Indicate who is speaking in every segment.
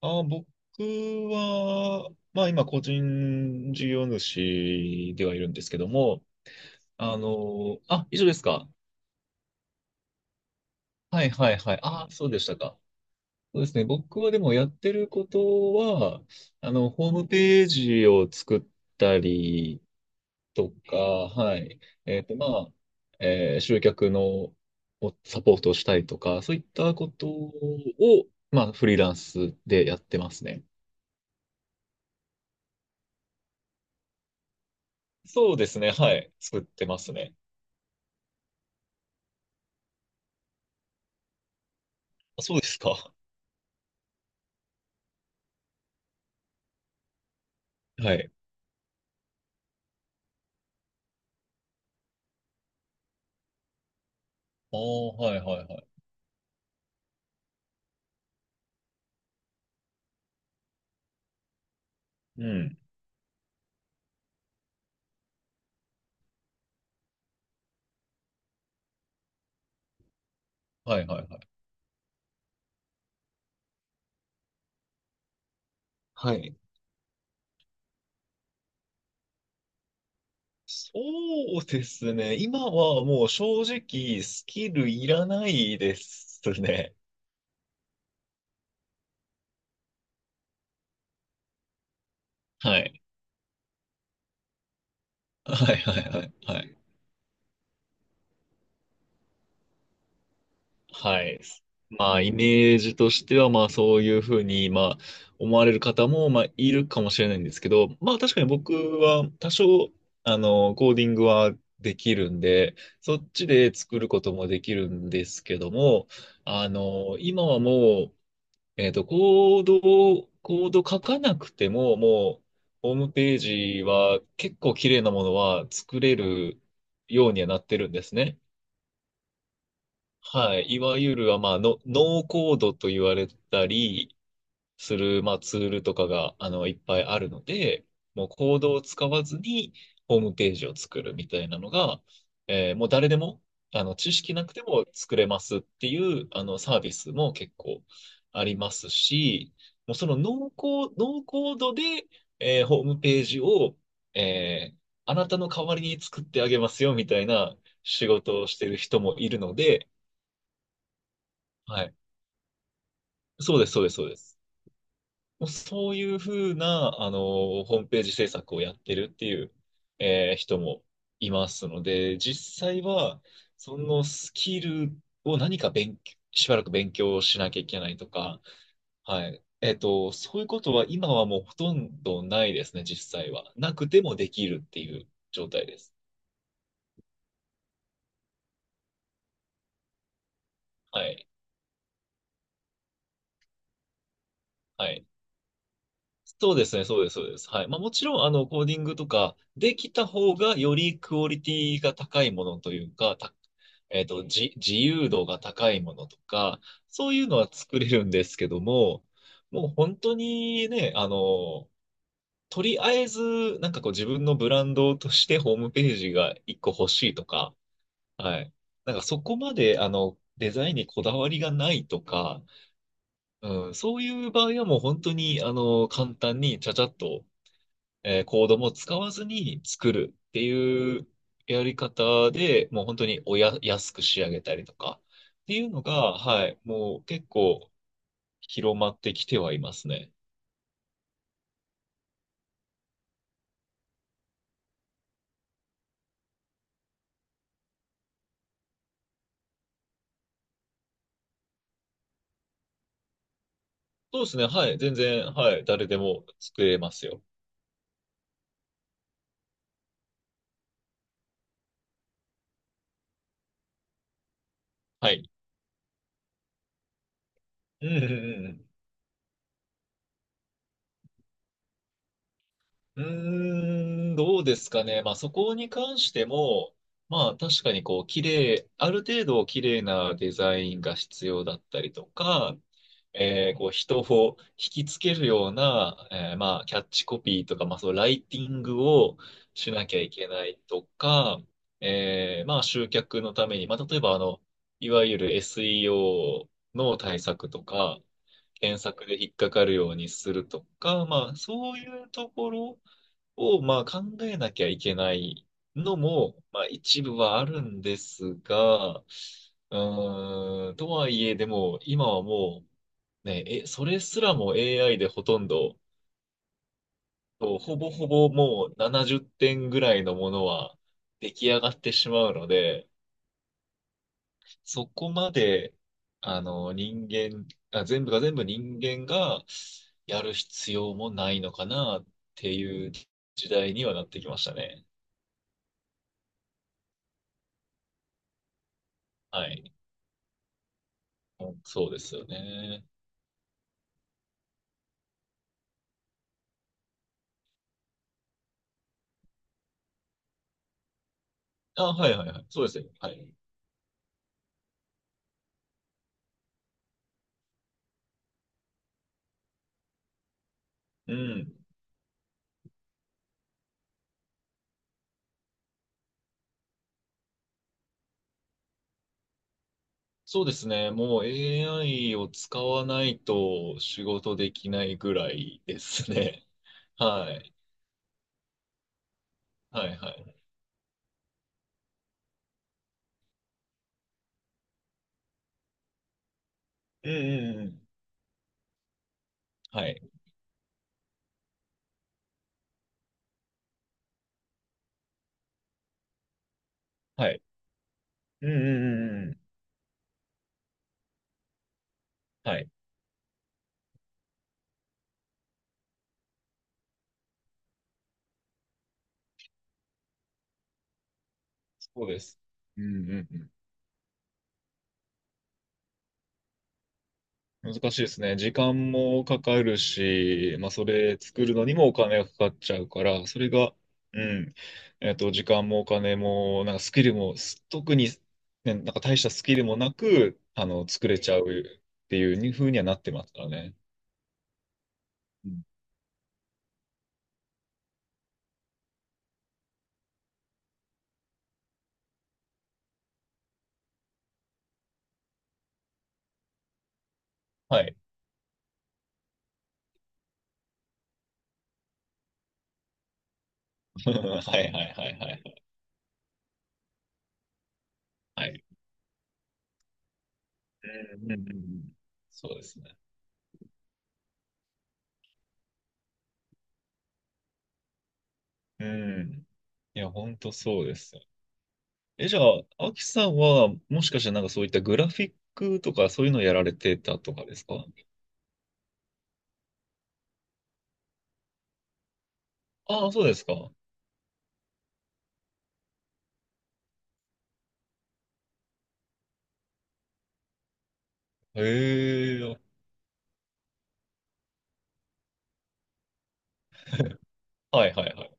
Speaker 1: 僕は、今個人事業主ではいるんですけども、以上ですか？はいはいはい。あ、そうでしたか。そうですね。僕はでもやってることは、ホームページを作ったりとか、はい。えっと、まあ、集客のをサポートをしたりとか、そういったことを、フリーランスでやってますね。そうですね。はい。作ってますね。あ、そうですか。はい。ああ、はいはいはい。うん。はいはいはい。はい。そうですね。今はもう正直スキルいらないですね。はい。はいはいはいはい。はい。イメージとしては、そういうふうに、思われる方も、いるかもしれないんですけど、確かに僕は、多少、コーディングはできるんでそっちで作ることもできるんですけども、今はもう、コード書かなくても、もう、ホームページは結構綺麗なものは作れるようにはなってるんですね。はい。いわゆる、ノーコードと言われたりする、ツールとかが、いっぱいあるので、もうコードを使わずにホームページを作るみたいなのが、もう誰でも、知識なくても作れますっていう、サービスも結構ありますし、もうそのノーコー、ノーコードで、ホームページを、えーあなたの代わりに作ってあげますよみたいな仕事をしてる人もいるので、はい。そうです、そうです、そうです。もうそういうふうな、ホームページ制作をやってるっていう、人もいますので、実際は、そのスキルを何か勉強、しばらく勉強しなきゃいけないとか、はい。えっと、そういうことは今はもうほとんどないですね、実際は。なくてもできるっていう状態です。はい。はい。そうですね、そうです、そうです。はい。もちろん、コーディングとかできた方がよりクオリティが高いものというか、た、えっと、じ、自由度が高いものとか、そういうのは作れるんですけども、もう本当にね、とりあえず、なんかこう自分のブランドとしてホームページが一個欲しいとか、はい。なんかそこまで、デザインにこだわりがないとか、うん、そういう場合はもう本当に、簡単にちゃちゃっと、コードも使わずに作るっていうやり方で、もう本当におや、安く仕上げたりとかっていうのが、はい、もう結構広まってきてはいますね。そうですね、はい、全然、はい、誰でも作れますよ。はい。うんうんうんうん。うーん、どうですかね。まあそこに関しても、確かにこう綺麗、ある程度綺麗なデザインが必要だったりとか、こう人を引きつけるような、キャッチコピーとか、ライティングをしなきゃいけないとか、集客のために、例えばいわゆる SEO の対策とか、検索で引っかかるようにするとか、まあそういうところを、考えなきゃいけないのも、一部はあるんですが、とはいえ、でも、今はもう、それすらも AI でほとんど、ほぼほぼもう70点ぐらいのものは出来上がってしまうので、そこまで、あの、人間、あ、全部が全部人間がやる必要もないのかなっていう時代にはなってきましたね。はい。うんそうですよね。あ、はいはいはい。そうですよ。はい。うん。そうですね。もう AI を使わないと仕事できないぐらいですね。はい。はいはい。うんうんうん。はい。はい。うんうんうんうん。はい。そうです。うんうんうん。難しいですね。時間もかかるし、まあ、それ作るのにもお金がかかっちゃうから、それが、うん、えっと、時間もお金も、なんかスキルも、特に、ね、なんか大したスキルもなく、作れちゃうっていう風にはなってますからね。うんはい。はいはいはいはい。はい。うんうんうんうん。そうですね。うん。いや、本当そうですよ。え、じゃあ、アキさんは、もしかしてなんかそういったグラフィックとかそういうのやられてたとかですか？ああ、そうですか。へえ、はいはいはい。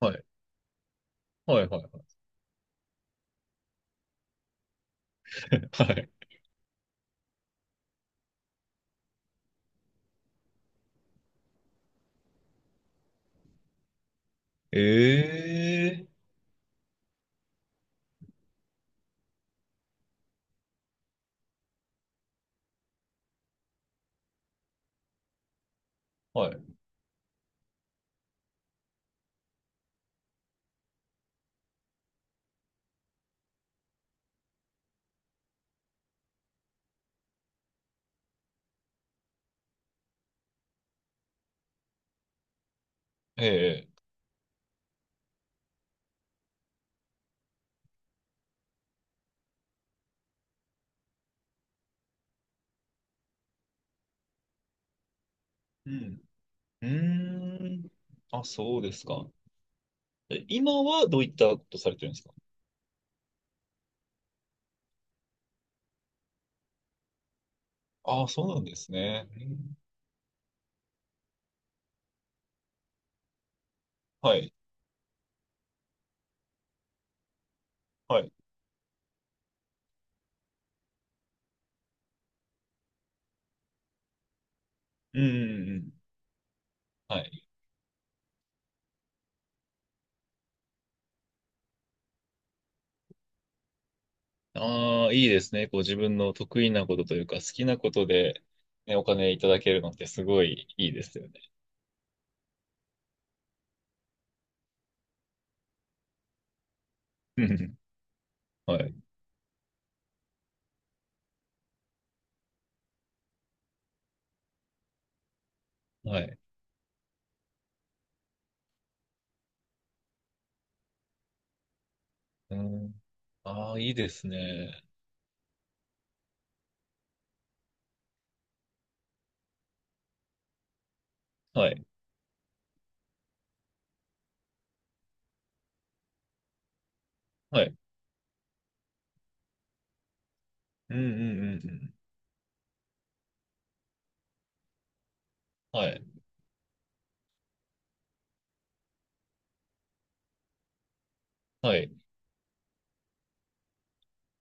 Speaker 1: はい、はい、はいはい。はい。ええ、はい。ええ、うん。うーん。あ、そうですか。え、今はどういったことされてるんですか？ああ、そうなんですね。うんはい、はい。うん、うん、うん。はいああ、いいですね。こう自分の得意なことというか、好きなことで、ね、お金いただけるのってすごいいいですよね。うんはい。はい。うん。ああ、いいですね。はい。はい。うんうんうんうん。はい。はい。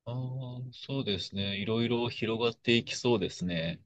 Speaker 1: ああ、そうですね。いろいろ広がっていきそうですね。